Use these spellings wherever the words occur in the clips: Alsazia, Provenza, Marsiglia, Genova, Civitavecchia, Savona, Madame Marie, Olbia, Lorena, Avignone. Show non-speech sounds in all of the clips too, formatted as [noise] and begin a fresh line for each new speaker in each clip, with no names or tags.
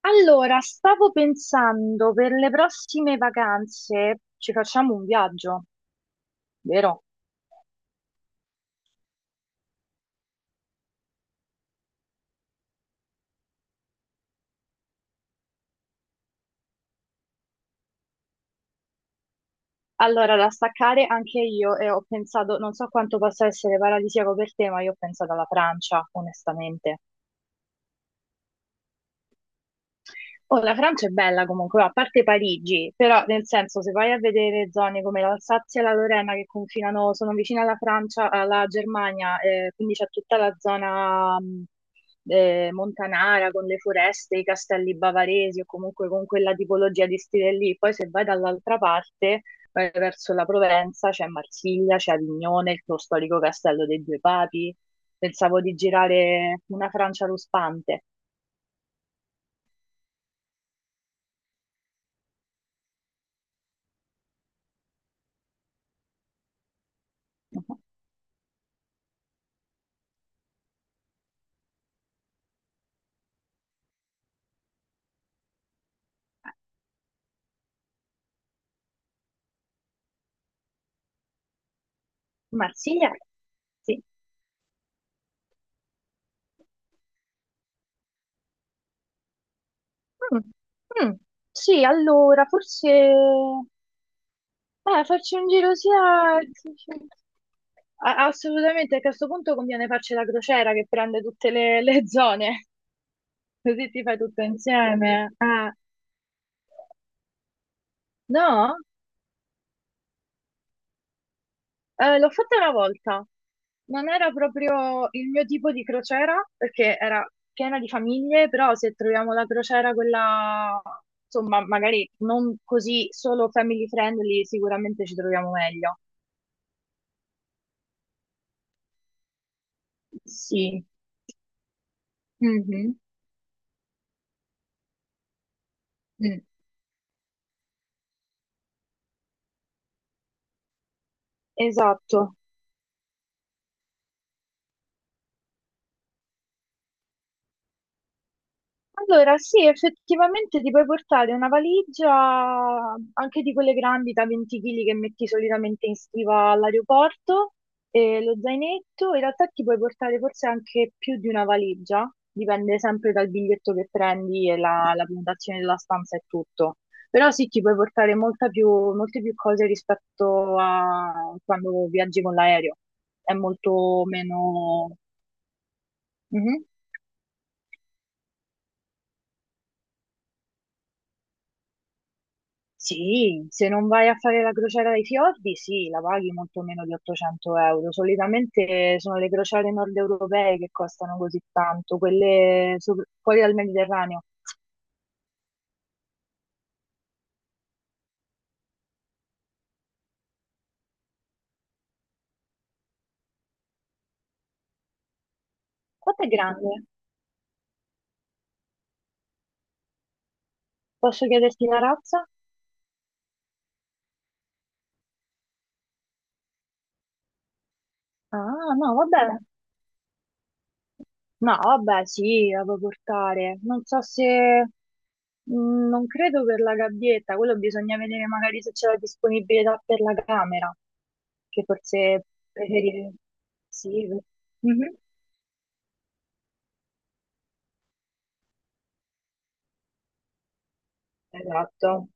Allora, stavo pensando per le prossime vacanze ci facciamo un viaggio, vero? Allora, da staccare anche io e ho pensato, non so quanto possa essere paradisiaco per te, ma io ho pensato alla Francia, onestamente. Oh, la Francia è bella comunque, a parte Parigi, però nel senso se vai a vedere zone come l'Alsazia e la Lorena che confinano, sono vicine alla Francia, alla Germania, quindi c'è tutta la zona montanara con le foreste, i castelli bavaresi o comunque con quella tipologia di stile lì. Poi se vai dall'altra parte, vai verso la Provenza, c'è Marsiglia, c'è Avignone, lo storico castello dei due papi. Pensavo di girare una Francia ruspante. Marsiglia? Sì. Mm, mm. Sì, allora, forse farci un giro sia... sì, sì. Assolutamente, perché a questo punto conviene farci la crociera che prende tutte le zone, [laughs] così ti fai tutto insieme. Ah, no? L'ho fatta una volta, non era proprio il mio tipo di crociera perché era piena di famiglie, però se troviamo la crociera quella, insomma, magari non così solo family friendly, sicuramente ci troviamo meglio. Sì. Mhm. Mm. Esatto. Allora, sì, effettivamente ti puoi portare una valigia anche di quelle grandi da 20 kg che metti solitamente in stiva all'aeroporto e lo zainetto. In realtà ti puoi portare forse anche più di una valigia, dipende sempre dal biglietto che prendi e la prenotazione della stanza e tutto. Però sì, ti puoi portare molte più cose rispetto a quando viaggi con l'aereo. È molto meno. Mhm. Sì, se non vai a fare la crociera dei fiordi, sì, la paghi molto meno di 800 euro. Solitamente sono le crociere nord europee che costano così tanto, quelle fuori dal Mediterraneo. Quanto è grande? Posso chiederti la razza? Ah, no, vabbè. No, vabbè, sì, la puoi portare. Non so se, non credo per la gabbietta, quello bisogna vedere magari se c'è la disponibilità per la camera, che forse preferire. Sì. Mhm. Esatto.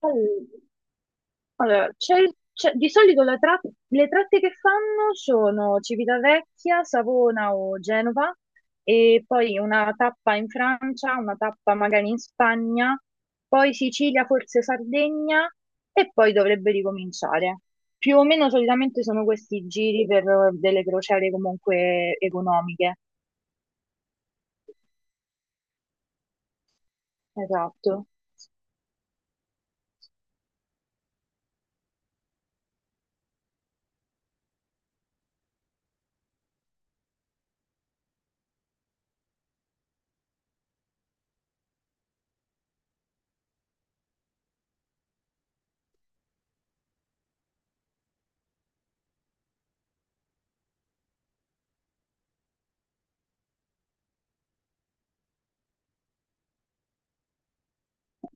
All- Allora, di solito le tratte che fanno sono Civitavecchia, Savona o Genova e poi una tappa in Francia, una tappa magari in Spagna, poi Sicilia, forse Sardegna e poi dovrebbe ricominciare. Più o meno solitamente sono questi giri per delle crociere comunque economiche. Esatto.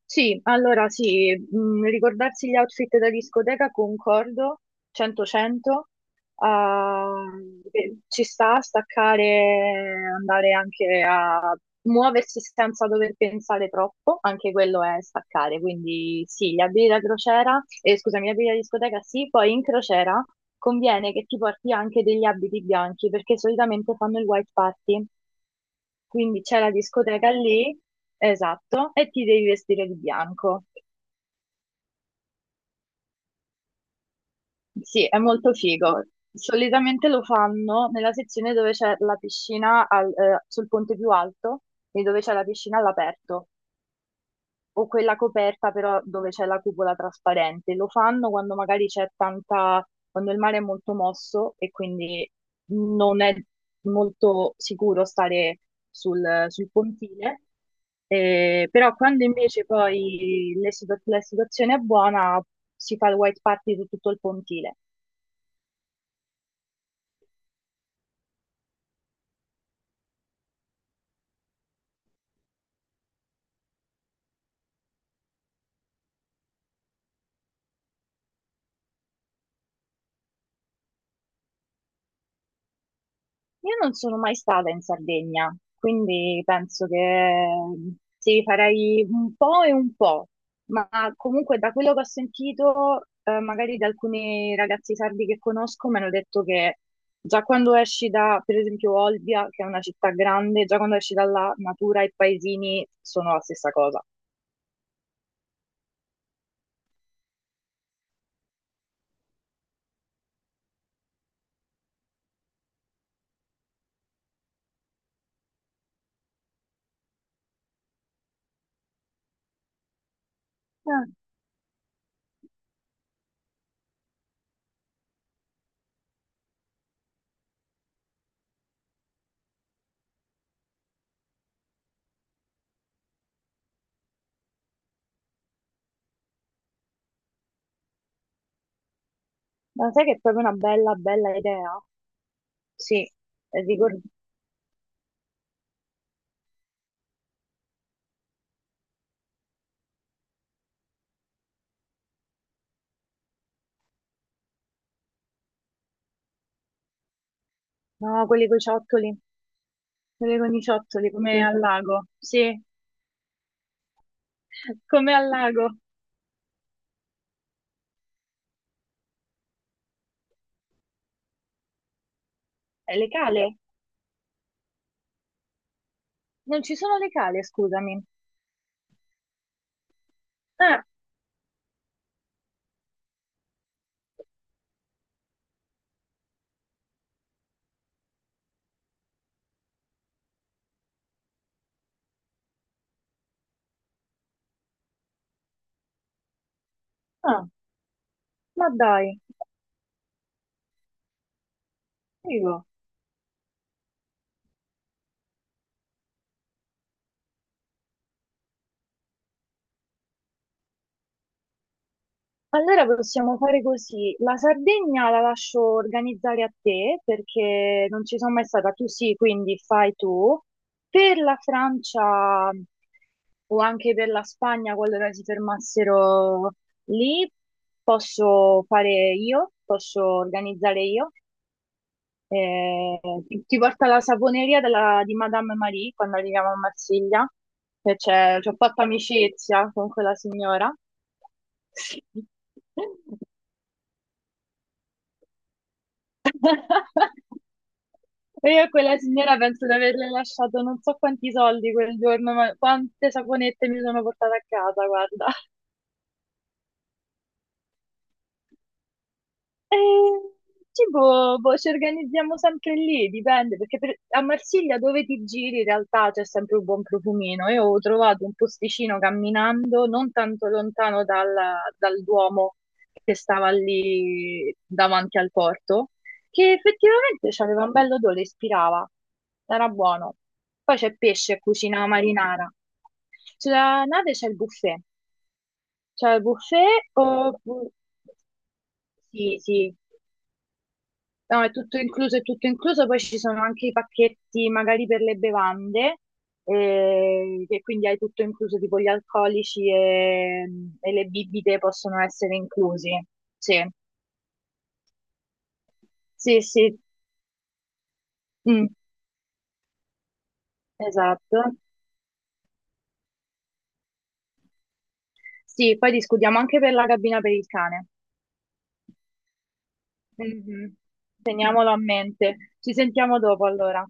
Sì, allora sì, ricordarsi gli outfit da discoteca, concordo, 100-100, ci sta a staccare, andare anche a muoversi senza dover pensare troppo, anche quello è staccare, quindi sì, gli abiti da crociera, scusami, gli abiti da discoteca sì, poi in crociera conviene che ti porti anche degli abiti bianchi, perché solitamente fanno il white party, quindi c'è la discoteca lì. Esatto, e ti devi vestire di bianco. Sì, è molto figo. Solitamente lo fanno nella sezione dove c'è la piscina sul ponte più alto e dove c'è la piscina all'aperto, o quella coperta però dove c'è la cupola trasparente. Lo fanno quando magari c'è tanta, quando il mare è molto mosso e quindi non è molto sicuro stare sul pontile. Però quando invece poi la situazione è buona si fa il white party su tutto il pontile. Io non sono mai stata in Sardegna, quindi penso che sì, farei un po' e un po', ma comunque da quello che ho sentito, magari da alcuni ragazzi sardi che conosco, mi hanno detto che già quando esci da, per esempio, Olbia, che è una città grande, già quando esci dalla natura e paesini sono la stessa cosa. Ah, ma sai che è proprio una bella, bella idea? Sì, ricordo. No, quelli con i ciottoli, quelli con i ciottoli come al lago, sì. Come al lago. Le cale? Non ci sono le cale, scusami. Ah, ah. Ma dai, figo. Allora possiamo fare così. La Sardegna la lascio organizzare a te perché non ci sono mai stata. Tu sì, quindi fai tu. Per la Francia o anche per la Spagna, qualora si fermassero lì, posso fare io, posso organizzare io. Eh, ti porta alla saponeria di Madame Marie quando arriviamo a Marsiglia. E ci ho fatto amicizia con quella signora. Sì. [laughs] E io a quella signora penso di averle lasciato non so quanti soldi quel giorno, ma quante saponette mi sono portata a casa, guarda. Eh, tipo, boh, ci organizziamo sempre lì, dipende, perché a Marsiglia dove ti giri in realtà c'è sempre un buon profumino. Io ho trovato un posticino camminando non tanto lontano dal Duomo che stava lì davanti al porto, che effettivamente aveva un bello odore, ispirava, era buono. Poi c'è pesce, cucina marinara. Sulla nave c'è il buffet o... Sì, sì. No, è tutto incluso, poi ci sono anche i pacchetti magari per le bevande, che quindi hai tutto incluso, tipo gli alcolici e le bibite possono essere inclusi. Sì, sì, sì. Mm, esatto. Sì, poi discutiamo anche per la cabina per il cane. Mhm. Teniamolo a mente. Ci sentiamo dopo allora.